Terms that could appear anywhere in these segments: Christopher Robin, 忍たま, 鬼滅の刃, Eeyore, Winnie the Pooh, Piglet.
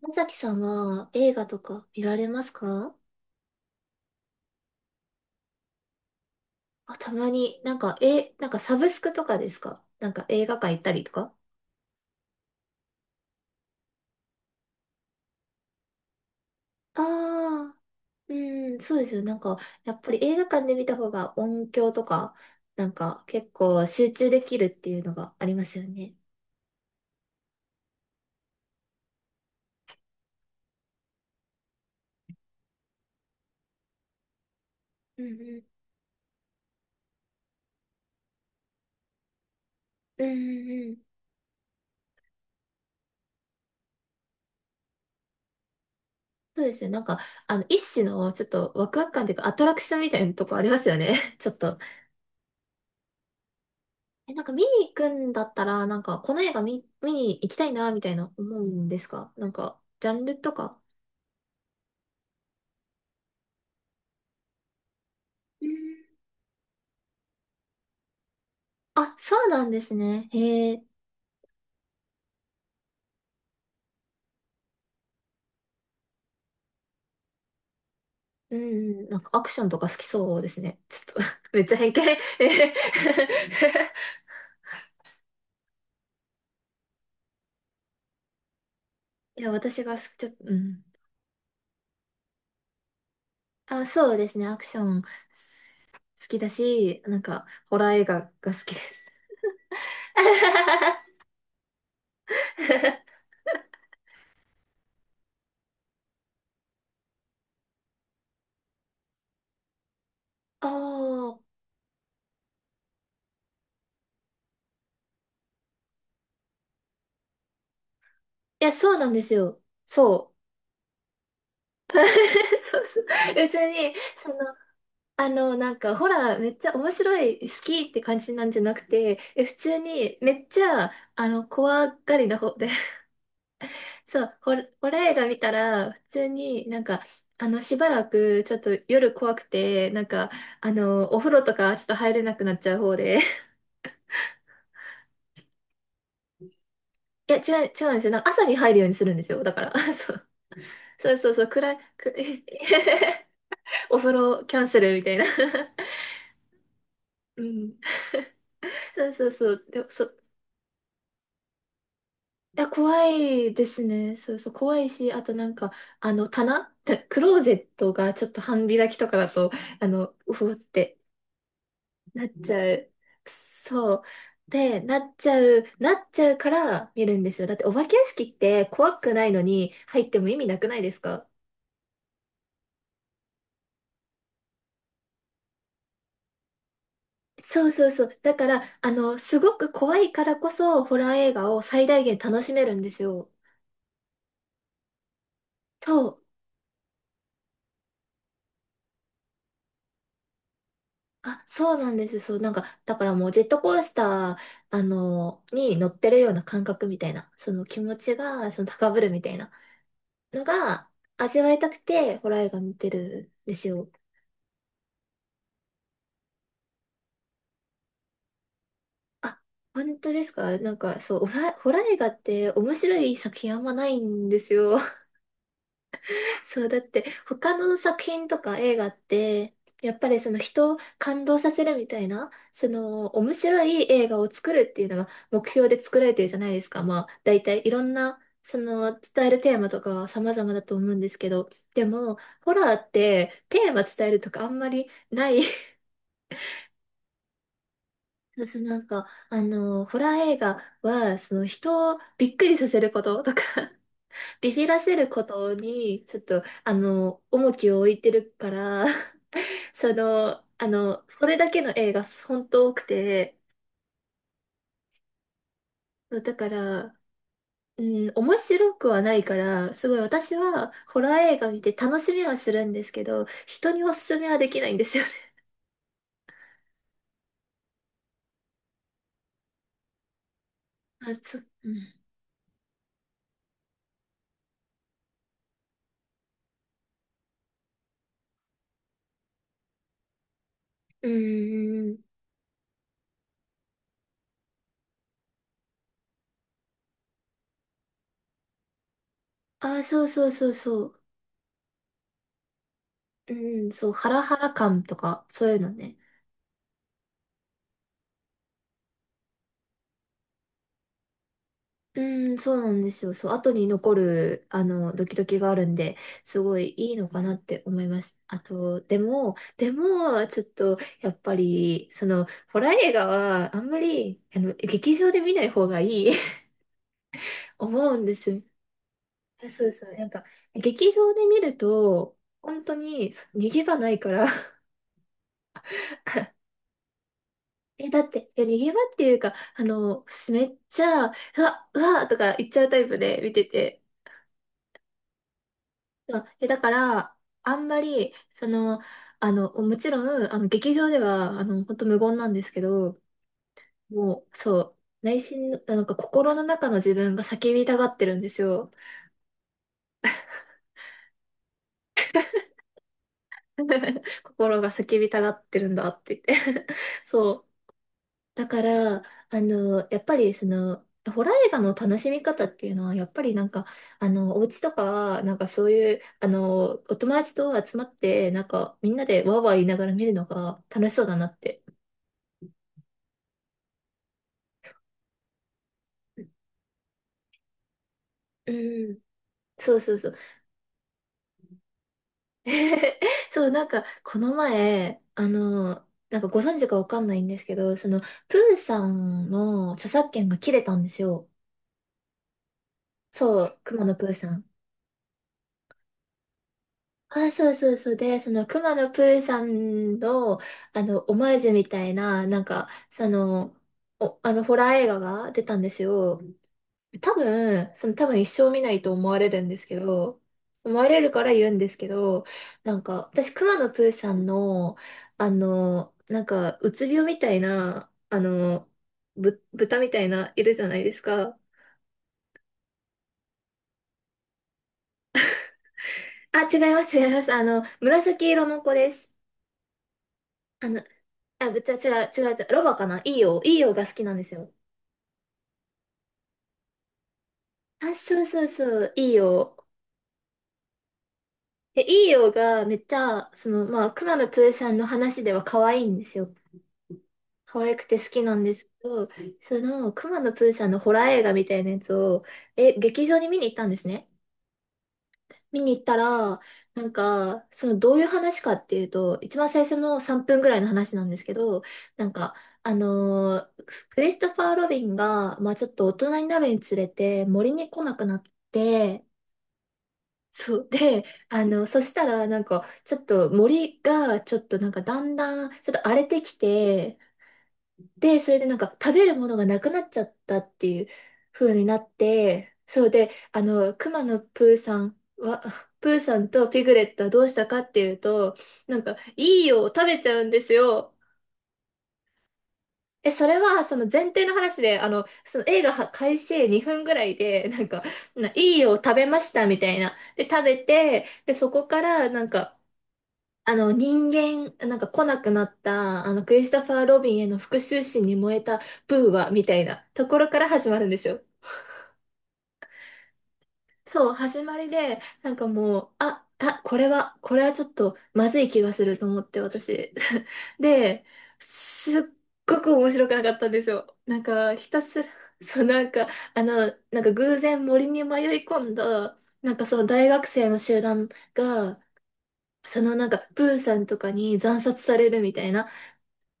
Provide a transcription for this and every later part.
まさきさんは映画とか見られますか？あ、たまに、なんか、え、なんかサブスクとかですか？なんか映画館行ったりとか？ああー、うん、そうですよ。やっぱり映画館で見た方が音響とか、なんか結構集中できるっていうのがありますよね。うんうん。うんうんうん。そうですよ。一種のちょっとワクワク感というかアトラクションみたいなとこありますよね。ちょっと。なんか見に行くんだったら、なんかこの映画見に行きたいな、みたいな思うんですか？なんか、ジャンルとか。うん。あ、そうなんですね。へえ。うんうん、なんかアクションとか好きそうですね。ちょっと めっちゃ偏見。えへへ いや、私が好き、ちょっと、うん。あ、そうですね。アクション好きだし、なんか、ホラー映画が好きです。ああ、いや、そうなんですよ。そう。そうそう。別に、その、ほら、めっちゃ面白い、好きって感じなんじゃなくて、普通に、めっちゃ、怖がりな方で、そう、ホラー映画見たら、普通になんか、しばらく、ちょっと夜怖くて、お風呂とか、ちょっと入れなくなっちゃう方で、いや、違う、違うんですよ。なんか朝に入るようにするんですよ。だから、そう、そうそうそう、暗い、く お風呂キャンセルみたいな。うん、そうそうそう、いや、怖いですね。そうそう、怖いし、あとなんか、あの、棚、クローゼットがちょっと半開きとかだと、あの、うふってなっちゃう。そう。で、なっちゃうから見るんですよ。だってお化け屋敷って怖くないのに入っても意味なくないですか？そうそうそう。だから、あの、すごく怖いからこそ、ホラー映画を最大限楽しめるんですよ。そう。あ、そうなんです。そう、なんか、だからもうジェットコースター、に乗ってるような感覚みたいな、その気持ちが、その高ぶるみたいなのが、味わいたくて、ホラー映画見てるんですよ。あ、本当ですか？なんか、そう、ホラー映画って面白い作品あんまないんですよ。そう、だって他の作品とか映画って、やっぱりその人を感動させるみたいな、その面白い映画を作るっていうのが目標で作られてるじゃないですか。まあ大体いろんなその伝えるテーマとかは様々だと思うんですけど、でもホラーってテーマ伝えるとかあんまりない。そうそう、なんか、あの、ホラー映画は、その人をびっくりさせることとか ビビらせることに、ちょっと、あの、重きを置いてるから、その、あの、それだけの映画本当多くて、そうだから、うん、面白くはないから、すごい私はホラー映画見て楽しみはするんですけど、人におすすめはできないんですよね。あ、そう、うん。うん。あ、そうそうそうそう。うん、そう、ハラハラ感とか、そういうのね。うん、そうなんですよ。そう、後に残る、あの、ドキドキがあるんで、すごいいいのかなって思います。あと、でも、でも、ちょっと、やっぱり、その、ホラー映画は、あんまり、あの、劇場で見ない方がいい 思うんですよ。あ、そうそう、なんか、劇場で見ると、本当に、逃げ場ないから え、だって、いや、逃げ場っていうか、あの、めっちゃ、うわ、とか言っちゃうタイプで見てて、そう、え、だから、あんまり、その、あの、もちろん、あの、劇場では、あの、本当無言なんですけど、もう、そう、内心の、なんか心の中の自分が叫びたがってるんですよ。心が叫びたがってるんだって言って そう。だから、あの、やっぱり、その、ホラー映画の楽しみ方っていうのは、やっぱりなんか、あの、お家とか、なんかそういう、あの、お友達と集まって、なんか、みんなでワーワー言いながら見るのが楽しそうだなって、うん。そうそうそう。そう、なんか、この前、あの、なんかご存知かわかんないんですけど、その、プーさんの著作権が切れたんですよ。そう、熊野プーさん。あ、そうそうそう。で、その、熊野プーさんの、あの、オマージュみたいな、なんか、その、お、あの、ホラー映画が出たんですよ。多分一生見ないと思われるんですけど、思われるから言うんですけど、なんか、私、熊野プーさんの、あの、なんか、うつ病みたいな、あの、豚みたいな、いるじゃないですか。あ、違います、違います。あの、紫色の子です。あの、あ、豚、違う、違う、違う、ロバかな。イーオー。いよが好きなんですよ。あ、そうそうそう、イいー。で、イいーがめっちゃ、その、まあ、熊野プーさんの話では可愛いんですよ。可愛くて好きなんですけど、その、熊野プーさんのホラー映画みたいなやつを、え、劇場に見に行ったんですね。見に行ったら、なんか、その、どういう話かっていうと、一番最初の3分ぐらいの話なんですけど、なんか、あのークリストファー・ロビンが、まあちょっと大人になるにつれて、森に来なくなって、そう。で、あの、そしたら、なんか、ちょっと森が、ちょっとなんか、だんだん、ちょっと荒れてきて、で、それでなんか食べるものがなくなっちゃったっていう風になって、そうで、あの、熊のプーさんは、プーさんとピグレットはどうしたかっていうと、なんか、いいよ、食べちゃうんですよ。え、それは、その前提の話で、あの、その映画は開始2分ぐらいで、なんか、ないいよ、食べましたみたいな。で、食べて、で、そこから、なんか、あの人間、なんか来なくなった、あのクリスタファー・ロビンへの復讐心に燃えたブーは、みたいなところから始まるんですよ。そう、始まりで、なんかもう、これは、これはちょっとまずい気がすると思って、私。で、すっごく面白くなかったんですよ。なんか、ひたすら、そう、なんか、あの、なんか偶然森に迷い込んだ、なんかその大学生の集団が、そのなんか、プーさんとかに惨殺されるみたいな、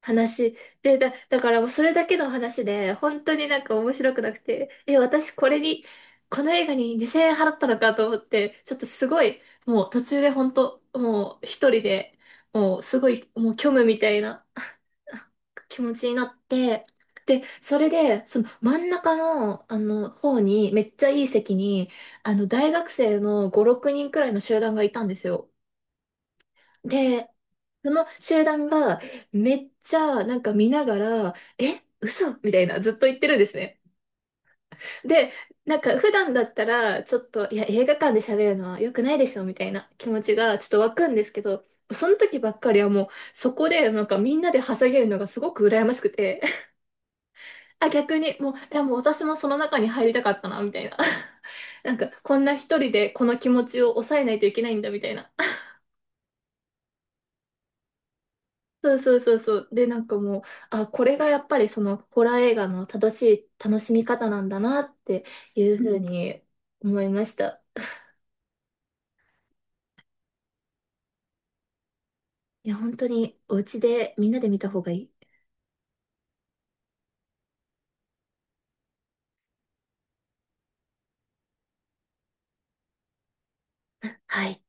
話で、だからもうそれだけの話で、本当になんか面白くなくて、え、私これに、この映画に2000円払ったのかと思って、ちょっとすごい、もう途中で本当、もう一人で、もうすごい、もう虚無みたいな 気持ちになって、で、それで、その真ん中の、あの、方に、めっちゃいい席に、あの、大学生の5、6人くらいの集団がいたんですよ。で、その集団がめっちゃなんか見ながら、え、嘘みたいなずっと言ってるんですね。で、なんか普段だったらちょっと、いや映画館で喋るのは良くないでしょみたいな気持ちがちょっと湧くんですけど、その時ばっかりはもうそこでなんかみんなではしゃげるのがすごく羨ましくて、あ、逆にもう、いやもう私もその中に入りたかったな、みたいな。なんかこんな一人でこの気持ちを抑えないといけないんだみたいな。そうそうそうそう。で、なんかもう、あ、これがやっぱりそのホラー映画の正しい楽しみ方なんだなっていうふうに思いました。いや、本当にお家でみんなで見た方がいい。はい。